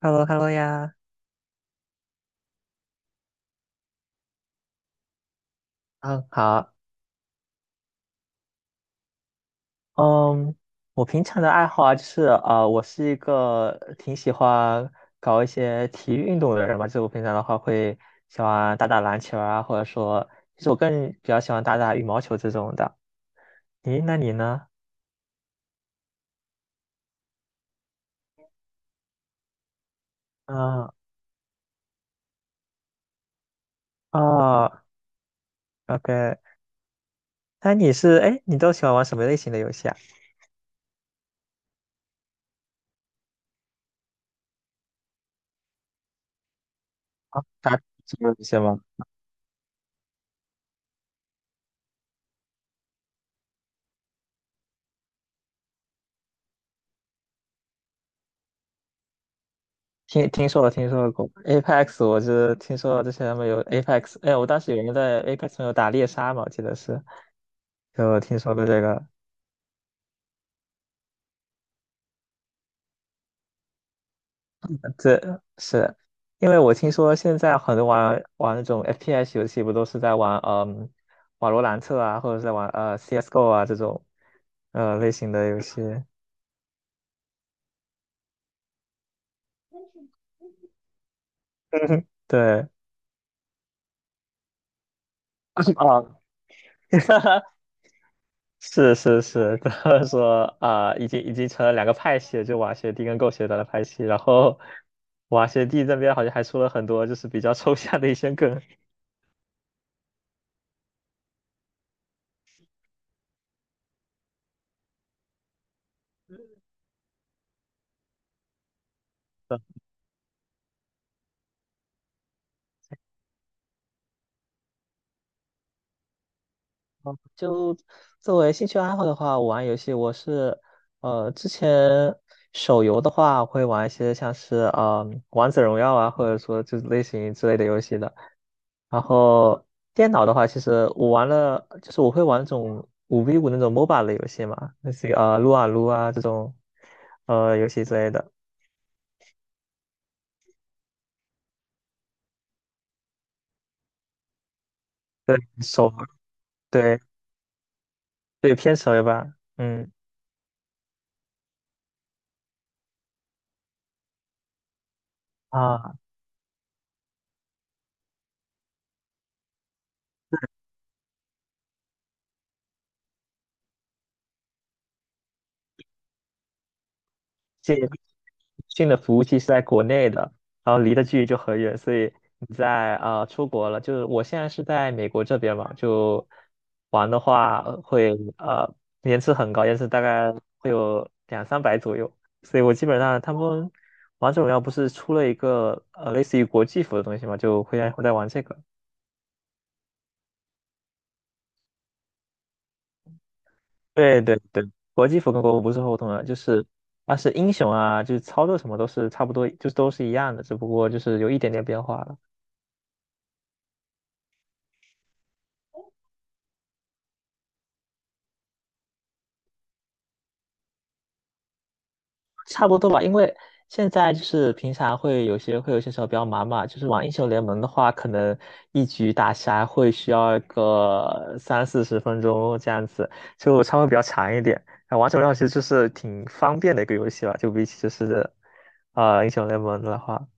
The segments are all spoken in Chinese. Hello，Hello 呀，嗯，好，嗯，我平常的爱好啊，就是我是一个挺喜欢搞一些体育运动的人嘛，就是我平常的话会喜欢打打篮球啊，或者说，其实我更比较喜欢打打羽毛球这种的。咦，那你呢？啊、哦，OK，那你是，哎，你都喜欢玩什么类型的游戏啊？啊，打什么游戏吗？听听说了，听说过 Apex，我是听说了之前他们有 Apex，哎，我当时有人在 Apex 上有打猎杀嘛，我记得是，就听说过这个。这是因为我听说现在很多玩那种 FPS 游戏不都是在玩嗯瓦罗兰特啊，或者是在玩CS:GO 啊这种类型的游戏，对，啊，是是是，他们说啊、已经成了两个派系了，就瓦学弟跟狗血长的派系。然后瓦学弟这边好像还出了很多就是比较抽象的一些梗。哦就作为兴趣爱好的话，我玩游戏我是，之前手游的话会玩一些像是王者荣耀啊，或者说就是类型之类的游戏的。然后电脑的话，其实我玩了，就是我会玩那种五 v 五那种 MOBA 的游戏嘛，那些啊撸啊撸啊这种游戏之类的。对手，对对偏手游吧，嗯，啊，信新的服务器是在国内的，然后离的距离就很远，所以你在啊、出国了，就是我现在是在美国这边嘛，就玩的话会呃延迟很高，延迟大概会有两三百左右，所以我基本上他们王者荣耀不是出了一个类似于国际服的东西嘛，就会在玩这个。对对对，国际服跟国服不是互通的，就是它是英雄啊，就是操作什么都是差不多，就是都是一样的，只不过就是有一点点变化了。差不多吧，因为现在就是平常会有些时候比较忙嘛，就是玩英雄联盟的话，可能一局打下来会需要个三四十分钟这样子，就稍微比较长一点。啊，王者荣耀其实就是挺方便的一个游戏吧，就比起就是英雄联盟的话。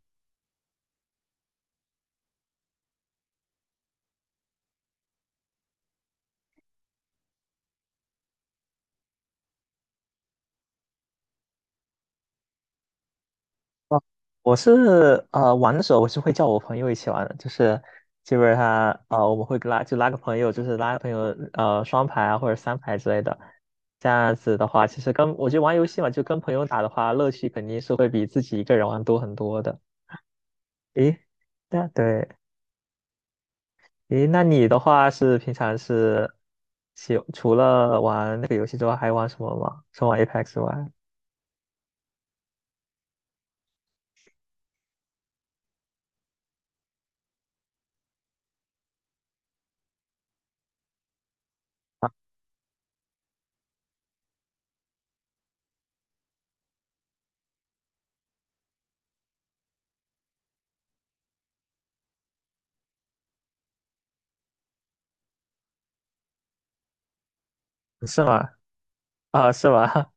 我是玩的时候，我是会叫我朋友一起玩的，就是基本上我们会拉就拉个朋友，双排啊或者三排之类的，这样子的话，其实跟我觉得玩游戏嘛，就跟朋友打的话，乐趣肯定是会比自己一个人玩多很多的。诶，那对，诶，那你的话是平常是喜除了玩那个游戏之外，还玩什么吗？除了玩 Apex 之外，是吗？啊，是吗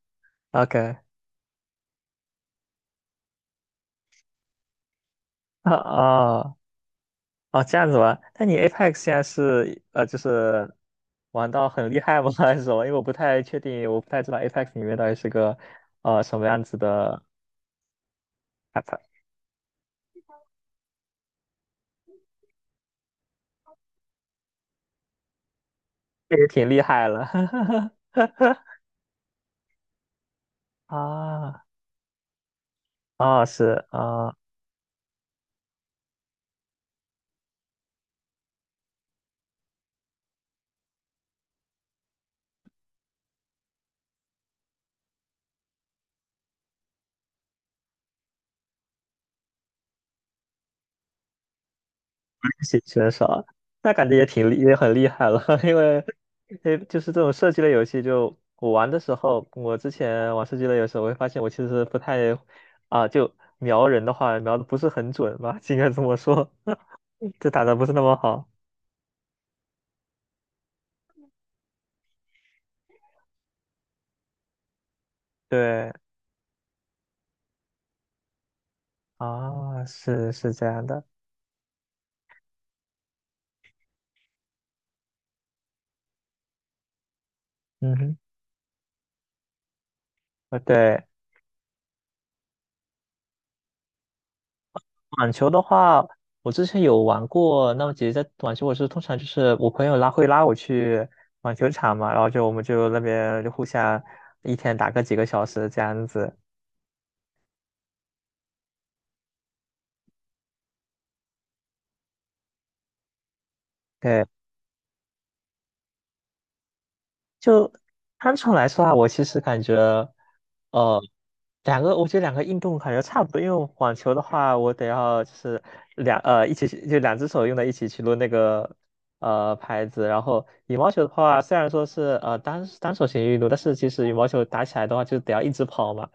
？OK，啊啊。哦，这样子吗？那你 Apex 现在是就是玩到很厉害吗？还是什么？因为我不太确定，我不太知道 Apex 里面到底是个什么样子的 app，这也挺厉害了。啊，啊，是啊，写选少，那感觉也挺厉，也很厉害了，因为，诶，就是这种射击类游戏就，我玩的时候，我之前玩射击类游戏，我会发现我其实不太，啊，就瞄人的话，瞄的不是很准吧，应该这么说，就打的不是那么好。对，啊，是是这样的，嗯哼，啊对，网球的话，我之前有玩过。那么姐姐在网球，我是通常就是我朋友拉会拉我去网球场嘛，然后就我们就那边就互相一天打个几个小时这样子。对。就单纯来说啊，我其实感觉，呃，两个，我觉得两个运动感觉差不多。因为网球的话，我得要就是两一起去，就两只手用在一起去抡那个拍子。然后羽毛球的话，虽然说是单手型运动，但是其实羽毛球打起来的话，就得要一直跑嘛，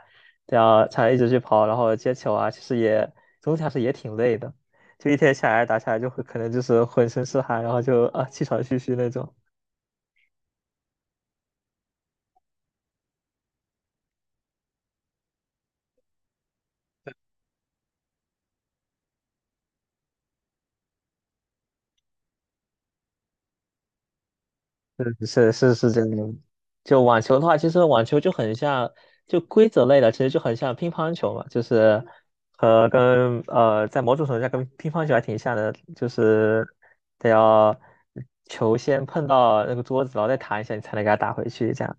得要才一直去跑，然后接球啊，其实也总体来说也挺累的。就一天下来打下来，就会可能就是浑身是汗，然后就啊气喘吁吁那种。是是是真的。就网球的话，其实网球就很像，就规则类的，其实就很像乒乓球嘛，就是和跟，在某种程度上跟乒乓球还挺像的，就是得要球先碰到那个桌子，然后再弹一下，你才能给它打回去，这样。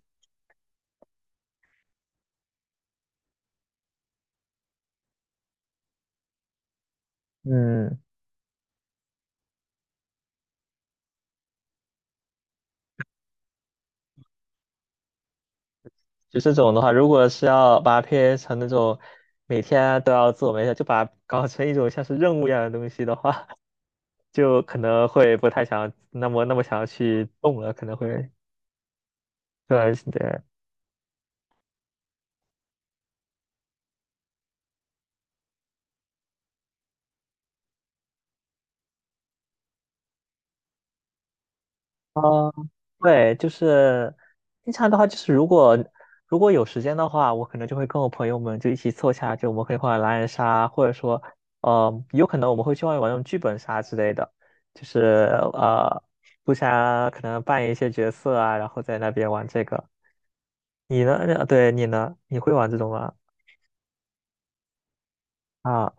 嗯，就这种的话，如果是要把它 PA 成那种每天都要做我冥想就把它搞成一种像是任务一样的东西的话，就可能会不太想那么想要去动了，可能会。对对，嗯，对，就是平常的话，就是如果有时间的话，我可能就会跟我朋友们就一起凑下，就我们可以玩狼人杀，或者说，有可能我们会去外面玩那种剧本杀之类的，就是呃，互相可能扮演一些角色啊，然后在那边玩这个。你呢？呃对，你呢？你会玩这种吗？啊，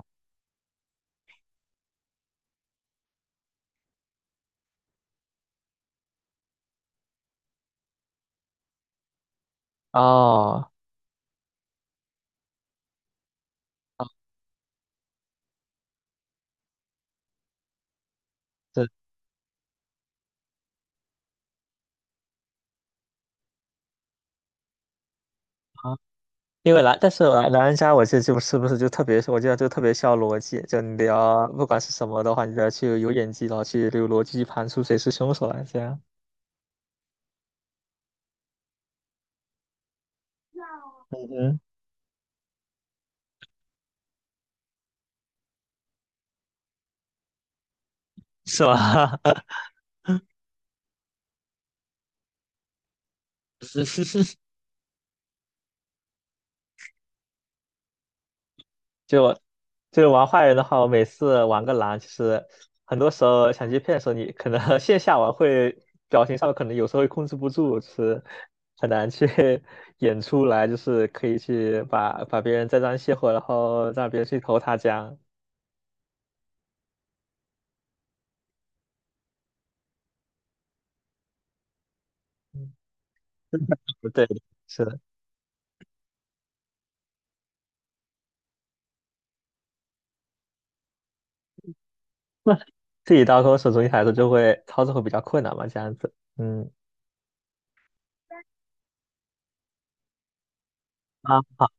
哦，对，啊。因为狼，但是狼人杀，我记得就是不是就特别，我记得就特别需要逻辑，就你得要不管是什么的话，你得去有演技，然后去有逻辑去盘出谁是凶手来，这样。嗯，是吧？是是是，就就玩坏人的话，我每次玩个狼，就是很多时候想接骗的时候，你可能 线下玩会表情上可能有时候会控制不住，就是很难去 演出来，就是可以去把把别人栽赃卸货，然后让别人去投他家。嗯，不对，是的。自己当空手中一孩子就会操作会比较困难嘛，这样子。嗯，啊。